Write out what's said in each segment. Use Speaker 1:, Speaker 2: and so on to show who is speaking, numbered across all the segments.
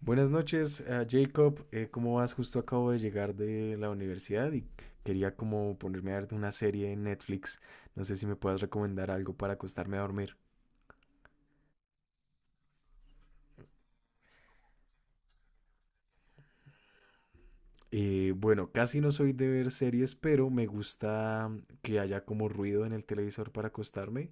Speaker 1: Buenas noches, Jacob. ¿Cómo vas? Justo acabo de llegar de la universidad y quería como ponerme a ver una serie en Netflix. No sé si me puedas recomendar algo para acostarme a dormir. Bueno, casi no soy de ver series, pero me gusta que haya como ruido en el televisor para acostarme.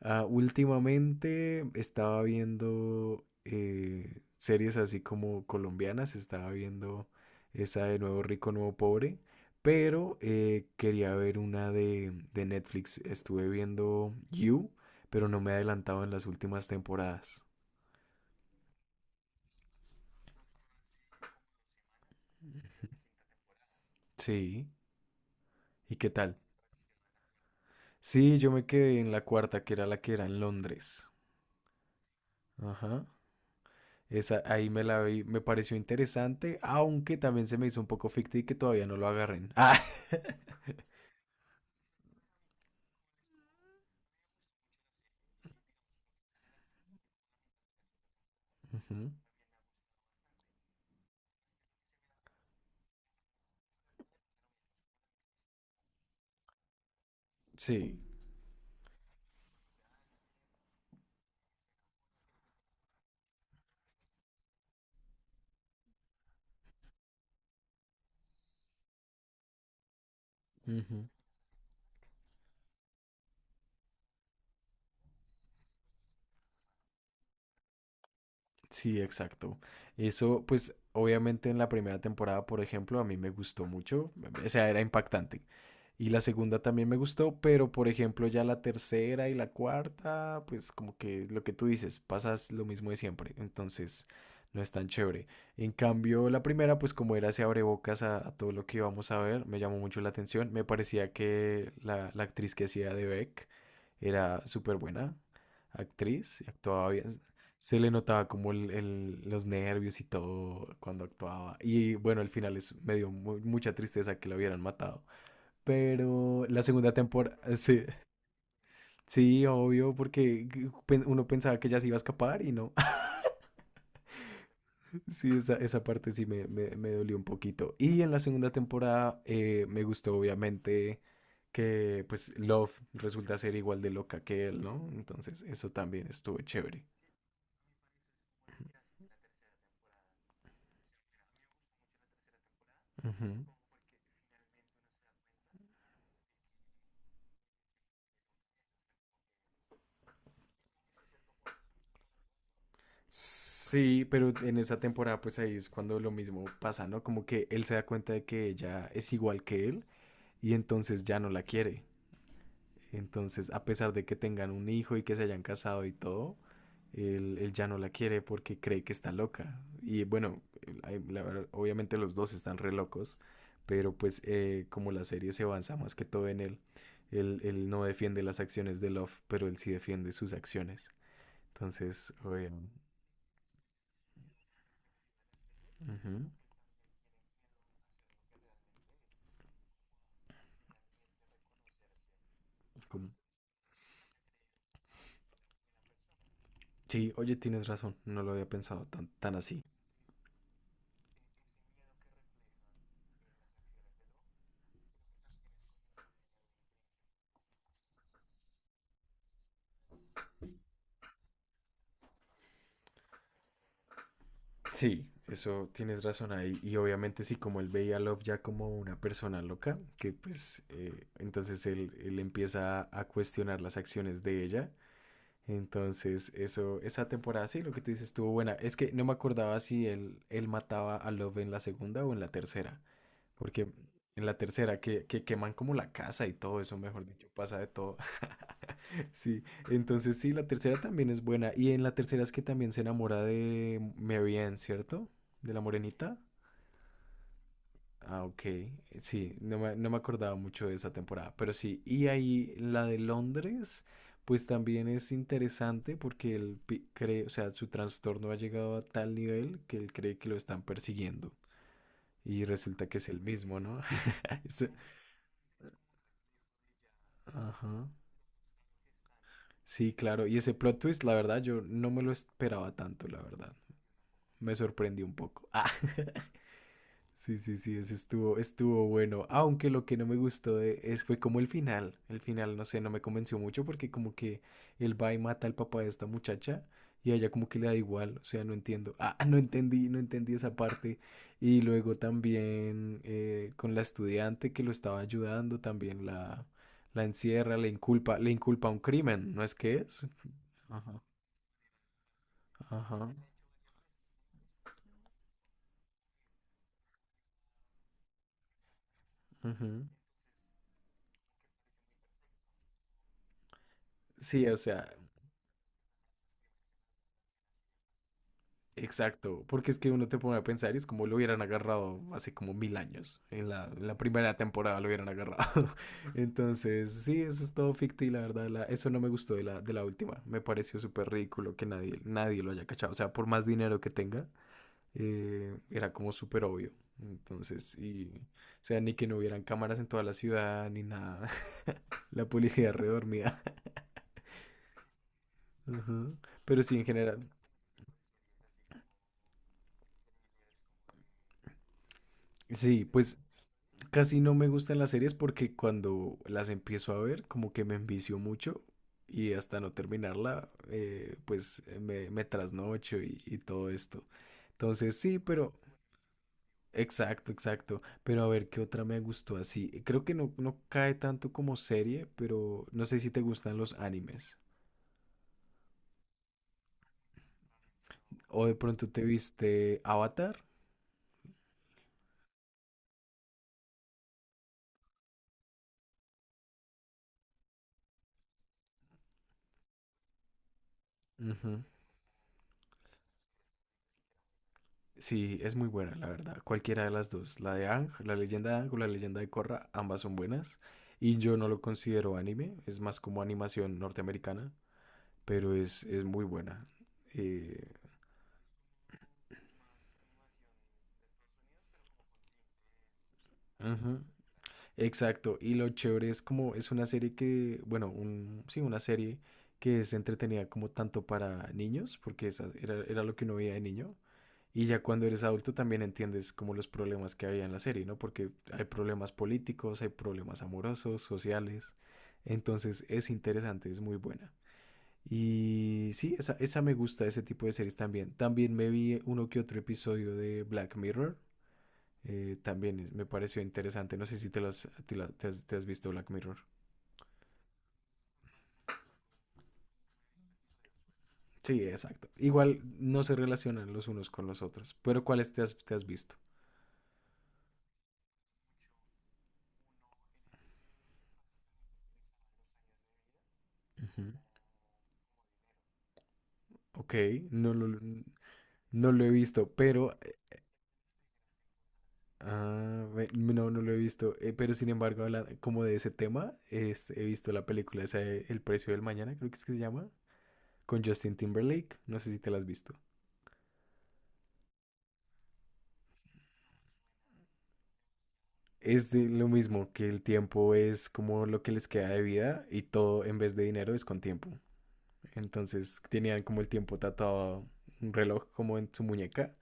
Speaker 1: Ah, últimamente estaba viendo series así como colombianas, estaba viendo esa de Nuevo Rico, Nuevo Pobre, pero quería ver una de Netflix. Estuve viendo You, pero no me he adelantado en las últimas temporadas. Sí, ¿y qué tal? Sí, yo me quedé en la cuarta, que era la que era en Londres. Ajá. Esa, ahí me la vi, me pareció interesante, aunque también se me hizo un poco ficti que todavía no lo agarren. Ah. Ujú. Sí. Ujú. Sí, exacto. Eso, pues, obviamente en la primera temporada, por ejemplo, a mí me gustó mucho, o sea, era impactante. Y la segunda también me gustó, pero por ejemplo, ya la tercera y la cuarta, pues como que lo que tú dices, pasas lo mismo de siempre, entonces no es tan chévere. En cambio, la primera, pues como era, se abre bocas a todo lo que íbamos a ver, me llamó mucho la atención, me parecía que la actriz que hacía de Beck era súper buena actriz, actuaba bien, se le notaba como los nervios y todo cuando actuaba. Y bueno, al final es, me dio mucha tristeza que lo hubieran matado. Pero la segunda temporada, sí, sí, obvio, porque uno pensaba que ya se iba a escapar y no. Sí, esa parte sí me dolió un poquito. Y en la segunda temporada me gustó obviamente que pues Love resulta ser igual de loca que él, ¿no? Entonces eso también estuvo chévere. Ujú. Sí, pero en esa temporada pues ahí es cuando lo mismo pasa, ¿no? Como que él se da cuenta de que ella es igual que él y entonces ya no la quiere. Entonces, a pesar de que tengan un hijo y que se hayan casado y todo, él ya no la quiere porque cree que está loca. Y bueno, la verdad, obviamente los dos están re locos, pero pues como la serie se avanza más que todo en él, él no defiende las acciones de Love, pero él sí defiende sus acciones. Entonces, oye, ujú, como- Sí, oye, tienes razón, no lo había pensado tan así. Sí, eso tienes razón ahí. Y obviamente sí, como él veía a Love ya como una persona loca, que pues entonces él empieza a cuestionar las acciones de ella. Entonces, eso, esa temporada sí, lo que tú dices estuvo buena. Es que no me acordaba si él mataba a Love en la segunda o en la tercera. Porque en la tercera, que queman como la casa y todo eso, mejor dicho, pasa de todo. Sí, entonces sí, la tercera también es buena. Y en la tercera es que también se enamora de Mary Ann, ¿cierto? De la morenita. Ah, ok. Sí, no me acordaba mucho de esa temporada, pero sí. Y ahí la de Londres, pues también es interesante porque él cree, o sea, su trastorno ha llegado a tal nivel que él cree que lo están persiguiendo. Y resulta que es el mismo, ¿no? Eso- Ajá. Sí, claro. Y ese plot twist, la verdad, yo no me lo esperaba tanto, la verdad. Me sorprendió un poco. Ah. Sí, sí, sí, ese estuvo bueno. Aunque lo que no me gustó fue como el final. El final, no sé, no me convenció mucho porque como que él va y mata al papá de esta muchacha y a ella como que le da igual. O sea, no entiendo. Ah, no entendí esa parte. Y luego también con la estudiante que lo estaba ayudando, también la encierra, le inculpa un crimen, ¿no es que es? Ajá. Ajá. Ujú. Sí, o sea, exacto, porque es que uno te pone a pensar y es como lo hubieran agarrado hace como mil años, en la primera temporada lo hubieran agarrado. Entonces, sí, eso es todo ficti, la verdad, eso no me gustó de la última, me pareció súper ridículo que nadie, nadie lo haya cachado, o sea, por más dinero que tenga, era como súper obvio. Entonces, o sea, ni que no hubieran cámaras en toda la ciudad, ni nada, la policía redormida. Ujú. Pero sí, en general. Sí, pues casi no me gustan las series porque cuando las empiezo a ver, como que me envicio mucho y hasta no terminarla, pues me trasnocho y todo esto. Entonces, sí, pero exacto, exacto. Pero a ver, ¿qué otra me gustó así? Creo que no, no cae tanto como serie, pero no sé si te gustan los animes. O de pronto te viste Avatar. Ujú. Sí, es muy buena, la verdad. Cualquiera de las dos, la de Ang, la leyenda de Ang o la leyenda de Korra, ambas son buenas. Y yo no lo considero anime, es más como animación norteamericana, pero es muy buena. Eh, Ujú. Exacto, y lo chévere es como es una serie que, bueno, sí, una serie que es entretenida como tanto para niños, porque esa era, era lo que uno veía de niño, y ya cuando eres adulto también entiendes como los problemas que había en la serie, ¿no? Porque hay problemas políticos, hay problemas amorosos, sociales, entonces es interesante, es muy buena. Y sí, esa me gusta, ese tipo de series también. También me vi uno que otro episodio de Black Mirror, también me pareció interesante. No sé si te, lo has, te, lo- te has visto Black Mirror. Sí, exacto. Igual no se relacionan los unos con los otros, pero ¿cuáles te has visto? Ujú. Ok, no lo, no lo he visto, pero no, no lo he visto. Pero sin embargo, como de ese tema, he visto la película esa, de El precio del mañana, creo que es que se llama, con Justin Timberlake. No sé si te la has visto. Es de lo mismo, que el tiempo es como lo que les queda de vida y todo en vez de dinero es con tiempo. Entonces tenían como el tiempo tatuado un reloj como en su muñeca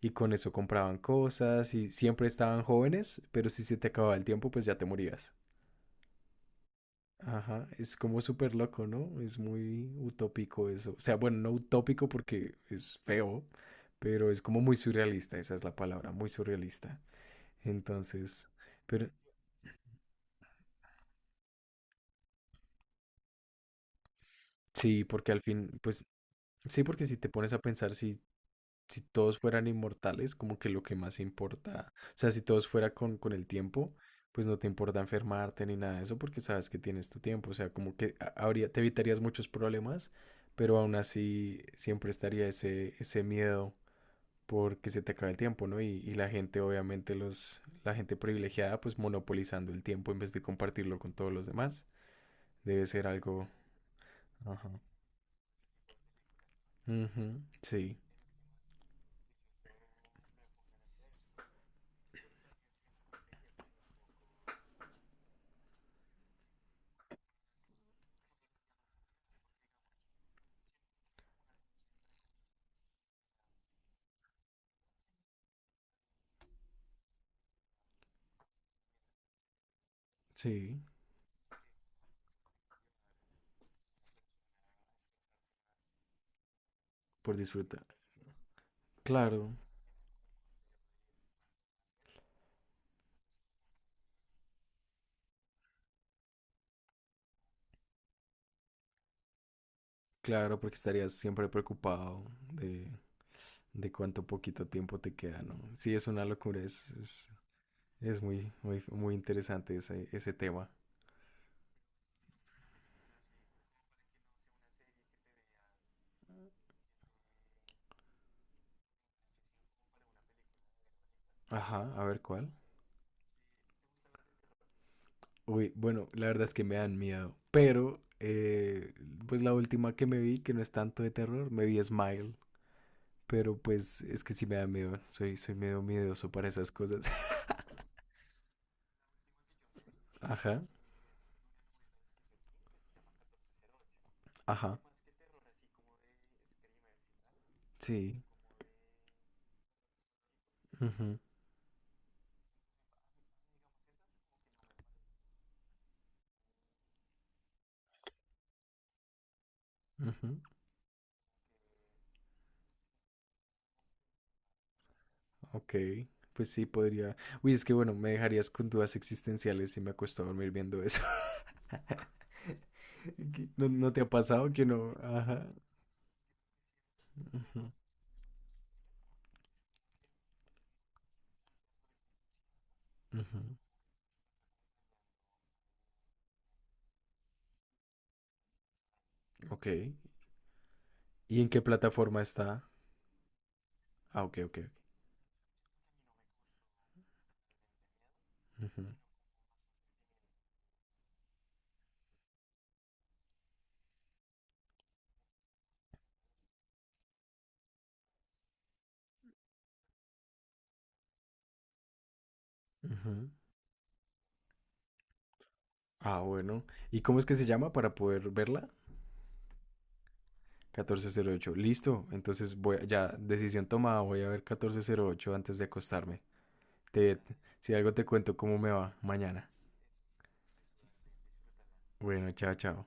Speaker 1: y con eso compraban cosas y siempre estaban jóvenes, pero si se te acababa el tiempo pues ya te morías. Ajá, es como súper loco, ¿no? Es muy utópico eso. O sea, bueno, no utópico porque es feo, pero es como muy surrealista, esa es la palabra, muy surrealista. Entonces, pero sí, porque al fin, pues sí, porque si te pones a pensar, si todos fueran inmortales, como que lo que más importa, o sea, si todos fuera con el tiempo, pues no te importa enfermarte ni nada de eso porque sabes que tienes tu tiempo, o sea, como que habría, te evitarías muchos problemas, pero aún así siempre estaría ese miedo porque se te acaba el tiempo, ¿no? Y la gente, obviamente, la gente privilegiada, pues monopolizando el tiempo en vez de compartirlo con todos los demás, debe ser algo... Ajá. Ujú, sí, sí, por disfrutar. Claro. Claro, porque estarías siempre preocupado de, de cuánto poquito tiempo te queda, ¿no? Sí, es una locura, es muy, muy, muy interesante ese tema. Ajá, a ver cuál. Uy, bueno, la verdad es que me dan miedo, pero pues la última que me vi, que no es tanto de terror, me vi Smile, pero pues es que sí me da miedo, soy medio miedoso para esas cosas. Ajá, ajá, sí. Ujú, ujú. Ok, pues sí, podría. Uy, es que bueno, me dejarías con dudas existenciales si me acuesto a dormir viendo eso. ¿Qué? ¿No, no te ha pasado que no? Ajá. Ujú, ujú. Ok. ¿Y en qué plataforma está? Ah, ok, ok, ok. Ujú, ujú. Ah, bueno. ¿Y cómo es que se llama para poder verla? 1408. Listo. Entonces voy, ya, decisión tomada. Voy a ver 1408 antes de acostarme. Si algo te cuento cómo me va mañana. Bueno, chao, chao.